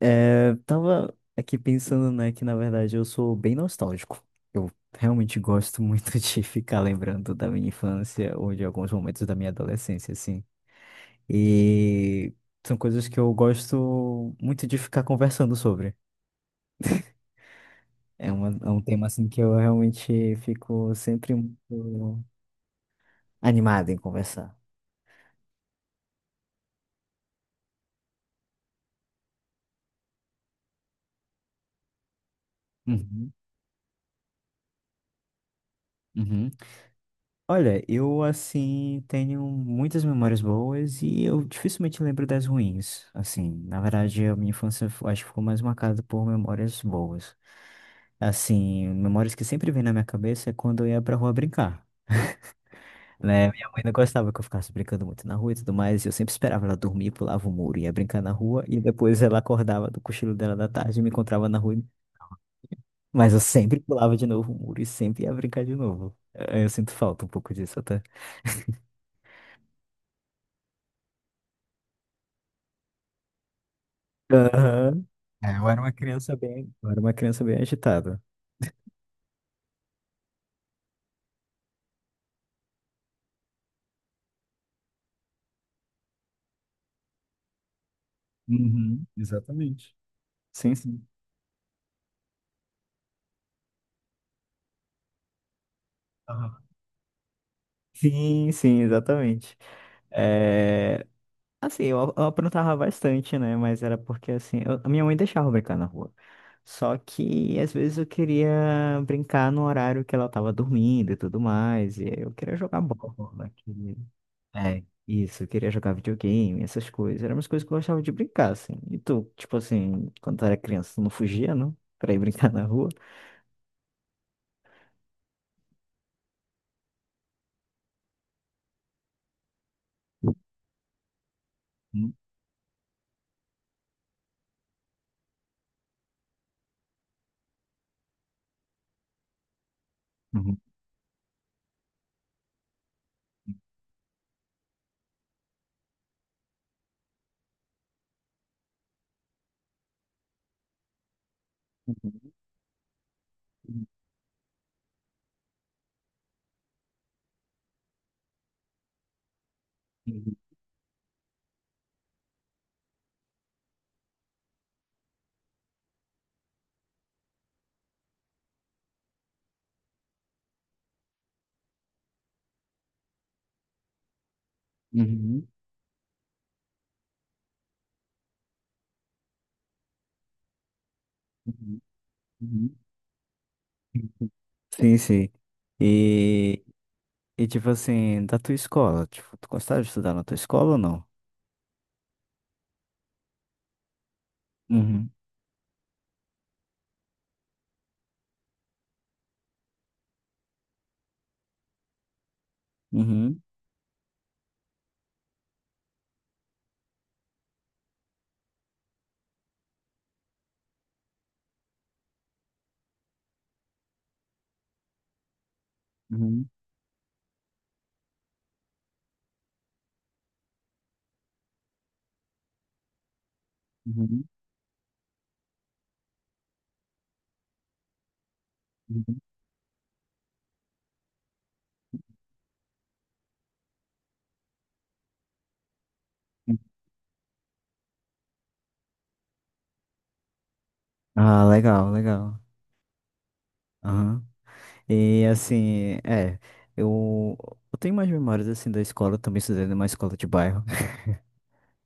É, tava aqui pensando, né, que na verdade eu sou bem nostálgico. Eu realmente gosto muito de ficar lembrando da minha infância ou de alguns momentos da minha adolescência, assim. E são coisas que eu gosto muito de ficar conversando sobre. É, é um tema, assim, que eu realmente fico sempre muito animado em conversar. Uhum, uhum. Olha, eu assim tenho muitas memórias boas e eu dificilmente lembro das ruins. Assim, na verdade, a minha infância acho que ficou mais marcada por memórias boas. Assim, memórias que sempre vêm na minha cabeça é quando eu ia pra rua brincar, né? Minha mãe não gostava que eu ficasse brincando muito na rua e tudo mais, e eu sempre esperava ela dormir, pulava o muro, ia brincar na rua e depois ela acordava do cochilo dela da tarde e me encontrava na rua, mas eu sempre pulava de novo o muro e sempre ia brincar de novo. Eu sinto falta um pouco disso até. Aham. É, eu era uma criança bem agitada. Uhum, exatamente. Sim, sim. Aham. Sim, sim, exatamente. É, assim, eu aprontava bastante, né? Mas era porque, assim, a minha mãe deixava eu brincar na rua. Só que, às vezes, eu queria brincar no horário que ela tava dormindo e tudo mais. E eu queria jogar bola. Né? É, isso, eu queria jogar videogame, essas coisas. Eram umas coisas que eu gostava de brincar, assim. E tu, tipo assim, quando tu era criança, tu não fugia, não? Pra ir brincar na rua? Uhum, uhum, uhum, uhum, uhum, uhum, uhum. Uhum. Sim, sim. E, e tipo assim, da tua escola, tipo, tu gostava de estudar na tua escola ou não? Uhum, uhum, uhum, uhum, uhum. Uhum. Ah, legal, legal. E assim, é, eu, eu tenho mais memórias assim da escola, eu também estudei numa escola de bairro.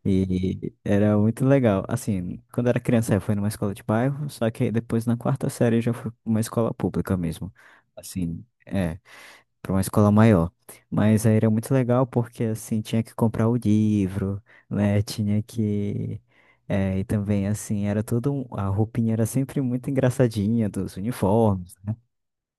E era muito legal. Assim, quando eu era criança eu fui numa escola de bairro, só que aí depois na quarta série eu já fui pra uma escola pública mesmo. Assim, é, pra uma escola maior. Mas aí era muito legal porque assim, tinha que comprar o livro, né? Tinha que. É, e também assim, era tudo a roupinha era sempre muito engraçadinha dos uniformes.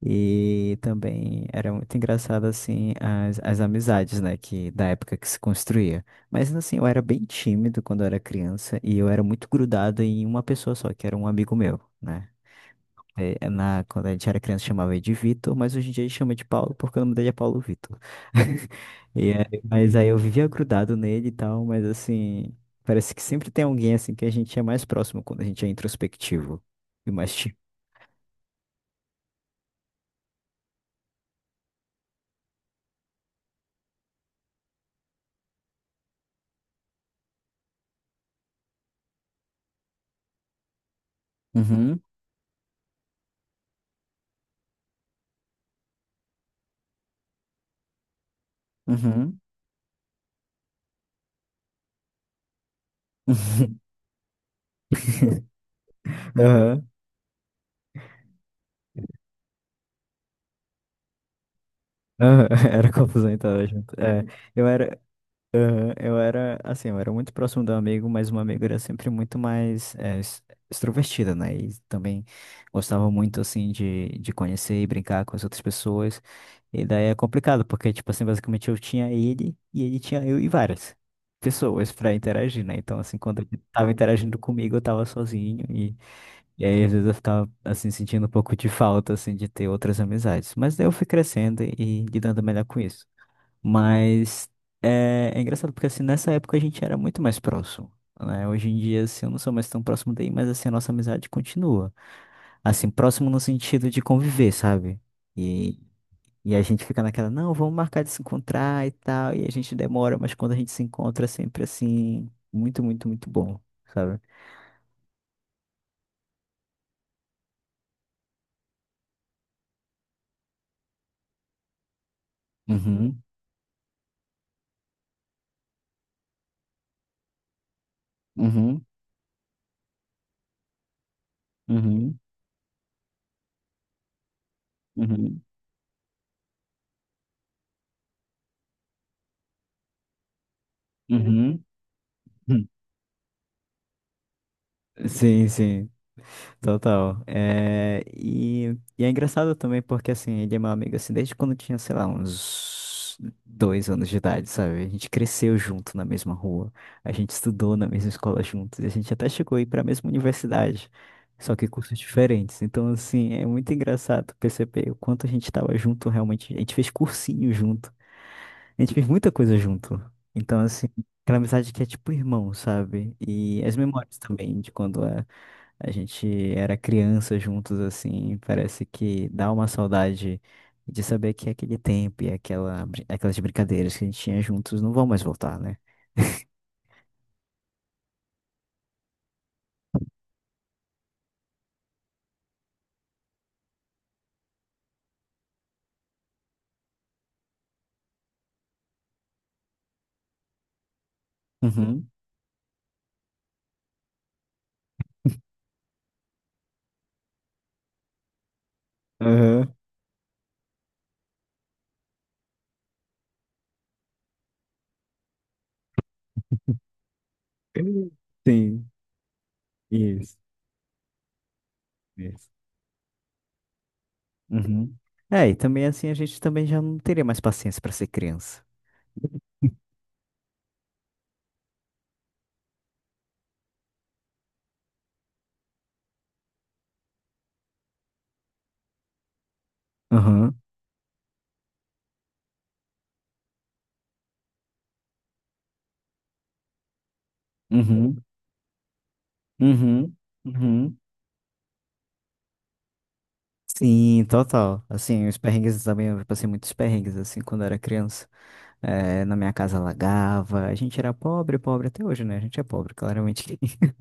E também era muito engraçado, assim, as amizades, né, que da época que se construía. Mas, assim, eu era bem tímido quando eu era criança e eu era muito grudado em uma pessoa só, que era um amigo meu, né? Quando a gente era criança chamava ele de Vitor, mas hoje em dia ele chama de Paulo porque o nome dele é Paulo Vitor. Mas aí eu vivia grudado nele e tal, mas, assim, parece que sempre tem alguém, assim, que a gente é mais próximo quando a gente é introspectivo e mais tímido. Uhum, uhum. Aham. Aham, era confusão então, tava junto. É, eu era, aham, eu era, assim, eu era muito próximo do amigo, mas uma amigo era sempre muito mais extrovertida, né? E também gostava muito, assim, de conhecer e brincar com as outras pessoas. E daí é complicado, porque, tipo assim, basicamente eu tinha ele e ele tinha eu e várias pessoas pra interagir, né? Então, assim, quando ele tava interagindo comigo, eu tava sozinho e aí, às vezes, eu ficava, assim, sentindo um pouco de falta, assim, de ter outras amizades. Mas daí eu fui crescendo e lidando melhor com isso. Mas é, é engraçado, porque, assim, nessa época a gente era muito mais próximo, né? Hoje em dia, assim, eu não sou mais tão próximo daí, mas, assim, a nossa amizade continua. Assim, próximo no sentido de conviver, sabe? E, e a gente fica naquela, não, vamos marcar de se encontrar e tal. E a gente demora, mas quando a gente se encontra, é sempre, assim, muito, muito, muito bom, sabe? Uhum, uhum, uhum, uhum. Uhum. Sim, sim, total. É, e é engraçado também porque, assim, ele é meu amigo, assim, desde quando eu tinha, sei lá, uns dois anos de idade, sabe? A gente cresceu junto na mesma rua, a gente estudou na mesma escola juntos, e a gente até chegou a ir para a mesma universidade, só que cursos diferentes. Então, assim, é muito engraçado perceber o quanto a gente estava junto realmente. A gente fez cursinho junto. A gente fez muita coisa junto. Então, assim, aquela amizade que é tipo irmão, sabe? E as memórias também de a gente era criança juntos, assim, parece que dá uma saudade de saber que é aquele tempo e aquelas brincadeiras que a gente tinha juntos não vão mais voltar, né? Uhum. Aham. Sim, isso, isso. Uhum. É, e também assim a gente também já não teria mais paciência pra ser criança. Uhum. Uhum. Uhum. Uhum. Sim, total. Assim, os perrengues também, eu passei muitos perrengues, assim, quando eu era criança. Na minha casa alagava, a gente era pobre, pobre até hoje, né? A gente é pobre, claramente.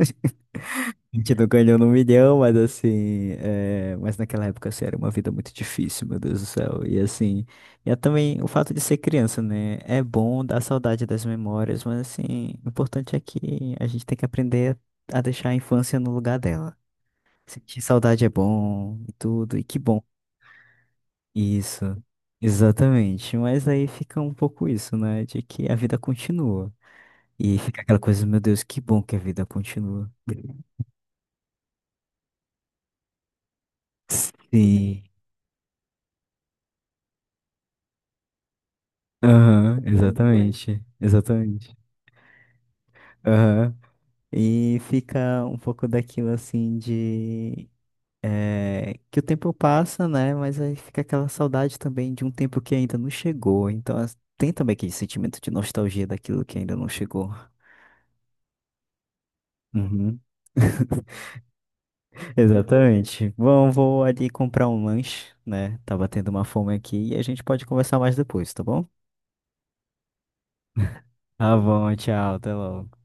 A gente não ganhou no milhão, mas assim, mas naquela época, assim, era uma vida muito difícil, meu Deus do céu. E assim, e é também o fato de ser criança, né? É bom dar saudade das memórias, mas assim, o importante é que a gente tem que aprender a deixar a infância no lugar dela. Sentir saudade é bom e tudo, e que bom. Isso, exatamente. Mas aí fica um pouco isso, né? De que a vida continua. E fica aquela coisa, meu Deus, que bom que a vida continua. Sim. Aham, exatamente. Exatamente. Aham. E fica um pouco daquilo assim de. Que o tempo passa, né? Mas aí fica aquela saudade também de um tempo que ainda não chegou. Então tem também aquele sentimento de nostalgia daquilo que ainda não chegou. Uhum. Exatamente. Bom, vou ali comprar um lanche, né? Tá batendo uma fome aqui e a gente pode conversar mais depois, tá bom? Tá bom, tchau, até logo.